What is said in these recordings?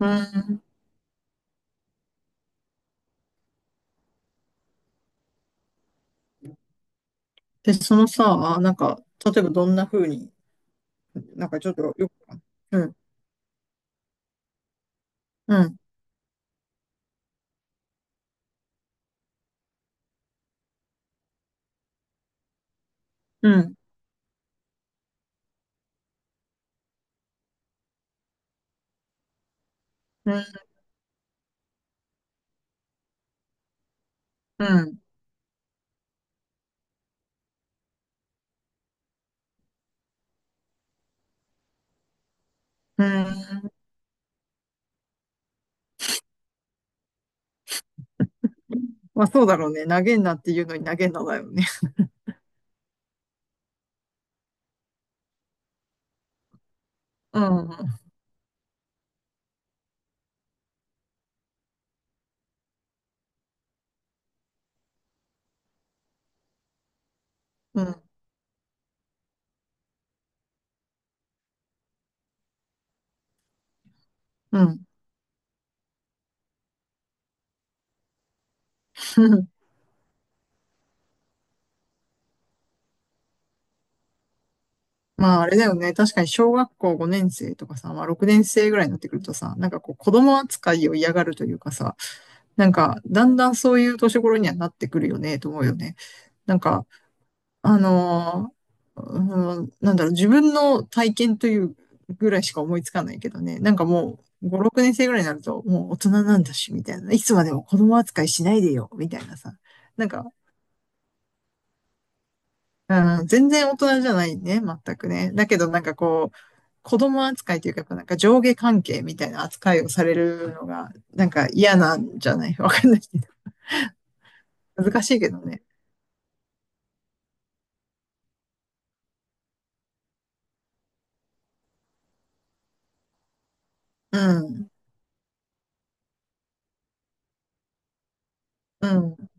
うん。で、そのさ、例えばどんな風に、なんかちょっとよく、うん、うん、うん、うん、うん、うん。まあそうだろうね。投げんなっていうのに投げんなだよね。うん、うん、うん。まああれだよね。確かに小学校5年生とかさ、まあ6年生ぐらいになってくるとさ、なんかこう子供扱いを嫌がるというかさ、なんかだんだんそういう年頃にはなってくるよね、と思うよね。なんか、あのー、うん、なんだろう、自分の体験というぐらいしか思いつかないけどね。なんかもう、5、6年生ぐらいになると、もう大人なんだし、みたいな。いつまでも子供扱いしないでよ、みたいなさ。なんか、うん、全然大人じゃないね、全くね。だけどなんかこう、子供扱いというか、やっぱなんか上下関係みたいな扱いをされるのが、なんか嫌なんじゃない？ わかんないけど。難しいけどね。うん、うん、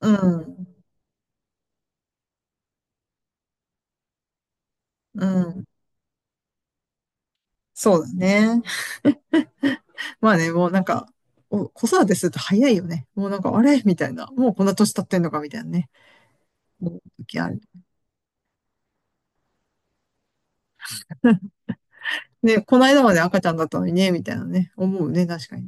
うん、うん。そうだね。まあね、もうなんか、お子育てすると早いよね。もうなんか、あれみたいな。もうこんな年経ってんのかみたいなね。思う時ある。ね、この間まで赤ちゃんだったのにね、みたいなね。思うね、確かに。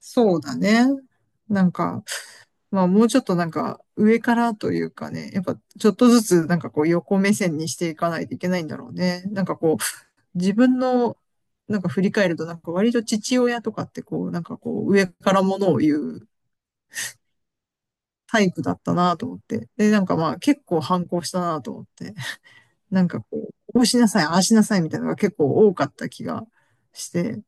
そうだね。なんか、まあもうちょっとなんか、上からというかね、やっぱちょっとずつなんかこう横目線にしていかないといけないんだろうね。なんかこう、自分のなんか振り返ると、なんか割と父親とかってこう、なんかこう、上からものを言う体育だったなと思って。で、なんかまあ結構反抗したなと思って。なんかこう、こうしなさい、ああしなさいみたいなのが結構多かった気がして。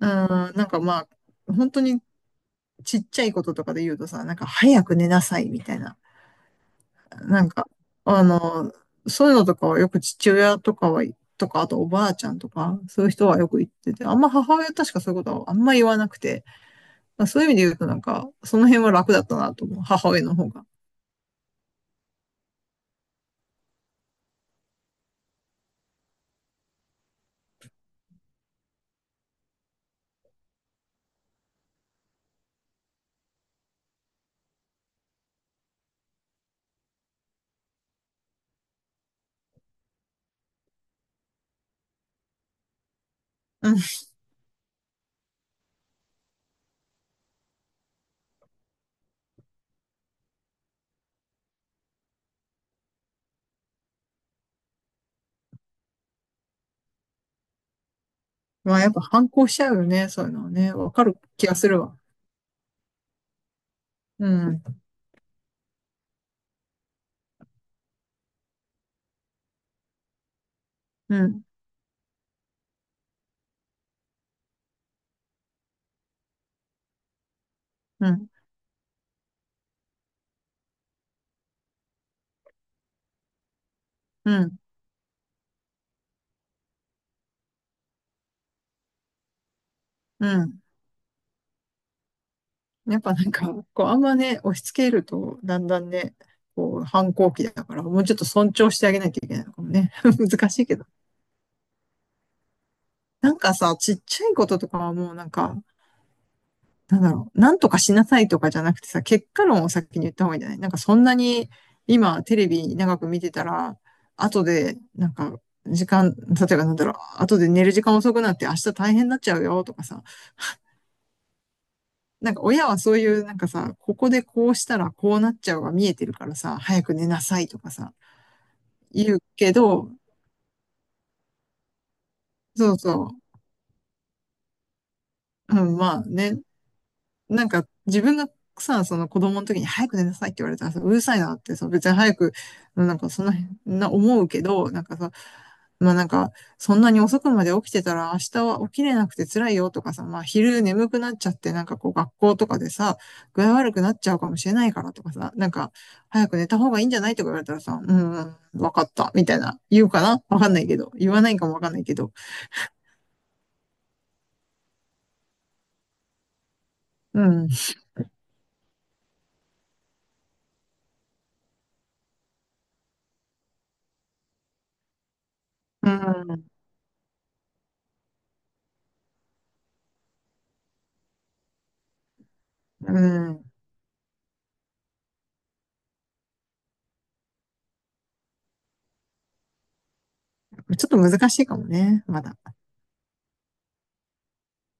うん、なんかまあ、本当にちっちゃいこととかで言うとさ、なんか早く寝なさいみたいな。なんか、あの、そういうのとかはよく父親とかは、とか、あとおばあちゃんとか、そういう人はよく言ってて、あんま母親確かそういうことはあんま言わなくて、まあそういう意味で言うとなんか、その辺は楽だったなと思う、母親の方が。うん。まあ、やっぱ反抗しちゃうよね。そういうのはね。わかる気がするわ。うん。うん。うん。うん。うん。やっぱなんか、こう、あんまね、押し付けると、だんだんね、こう、反抗期だから、もうちょっと尊重してあげなきゃいけないのかもね。難しいけど。なんかさ、ちっちゃいこととかはもうなんか、なんだろう、なんとかしなさいとかじゃなくてさ、結果論を先に言った方がいいんじゃない？なんかそんなに今テレビ長く見てたら、後でなんか時間、例えばなんだろう、後で寝る時間遅くなって明日大変になっちゃうよとかさ、なんか親はそういうなんかさ、ここでこうしたらこうなっちゃうが見えてるからさ、早く寝なさいとかさ、言うけど、そうそう、うん、まあね、なんか自分がさ、その子供の時に早く寝なさいって言われたらさ、うるさいなってさ、別に早く、なんかそんな、な思うけど、なんかさ、まあなんか、そんなに遅くまで起きてたら明日は起きれなくて辛いよとかさ、まあ昼眠くなっちゃってなんかこう学校とかでさ、具合悪くなっちゃうかもしれないからとかさ、なんか早く寝た方がいいんじゃない？とか言われたらさ、うん、わかった、みたいな、言うかなわかんないけど、言わないかもわかんないけど、うん、うん、うん、ちょっと難しいかもね、まだ。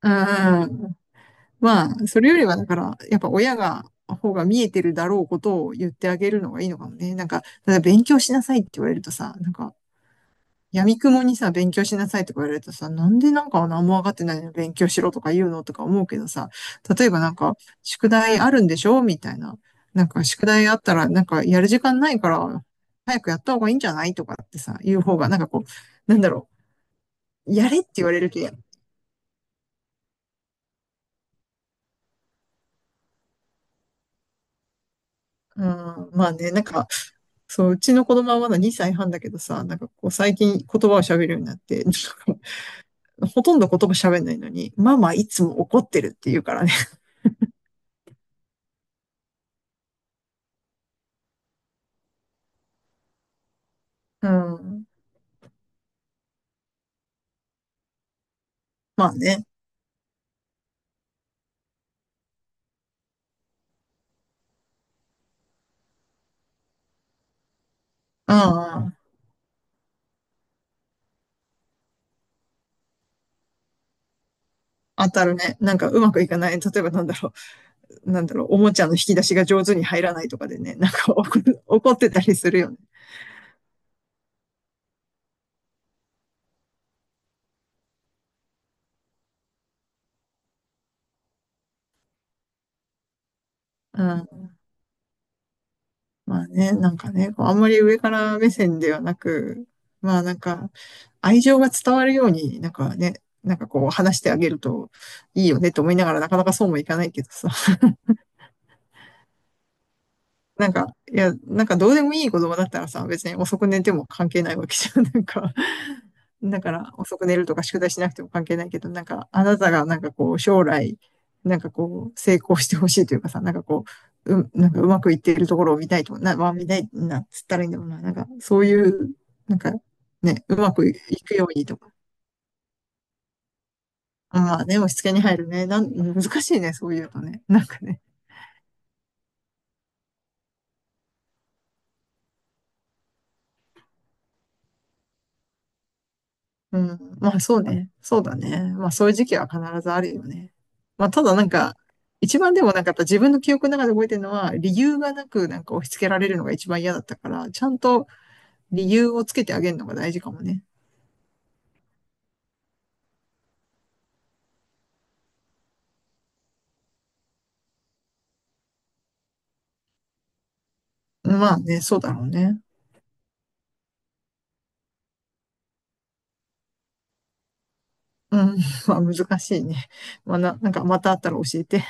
うん。まあ、それよりは、だから、やっぱ親が、方が見えてるだろうことを言ってあげるのがいいのかもね。なんか、ただ勉強しなさいって言われるとさ、なんか、闇雲にさ、勉強しなさいとか言われるとさ、なんでなんか何も分かってないのに勉強しろとか言うのとか思うけどさ、例えばなんか、宿題あるんでしょみたいな。なんか、宿題あったら、なんか、やる時間ないから、早くやった方がいいんじゃない？とかってさ、言う方が、なんかこう、なんだろう、やれって言われるけど、うん、まあね、なんか、そう、うちの子供はまだ2歳半だけどさ、なんかこう最近言葉を喋るようになって、なんかほとんど言葉喋んないのに、ママいつも怒ってるって言うからね。うん。まあね。うんうん。当たるね。なんかうまくいかない。例えばなんだろう。なんだろう。おもちゃの引き出しが上手に入らないとかでね。なんか怒ってたりするよね。うん。まあね、なんかね、こうあんまり上から目線ではなく、まあなんか、愛情が伝わるように、なんかね、なんかこう話してあげるといいよねと思いながら、なかなかそうもいかないけどさ。なんか、いや、なんかどうでもいい子供だったらさ、別に遅く寝ても関係ないわけじゃん。なんか、だから遅く寝るとか宿題しなくても関係ないけど、なんか、あなたがなんかこう、将来、なんかこう、成功してほしいというかさ、なんかうまくいっているところを見たいと、まあ見たいな、つったらいいんだろうな。なんか、そういう、なんか、ね、うまくいくようにとか。まあね、押し付けに入るね。難しいね、そういうのね。なんかね。うん。まあそうね。そうだね。まあそういう時期は必ずあるよね。まあただなんか、一番でもなんかやった自分の記憶の中で覚えてるのは、理由がなくなんか押し付けられるのが一番嫌だったから、ちゃんと理由をつけてあげるのが大事かもね。まあね、そうだろうね。うん。まあ難しいね。なんかまたあったら教えて。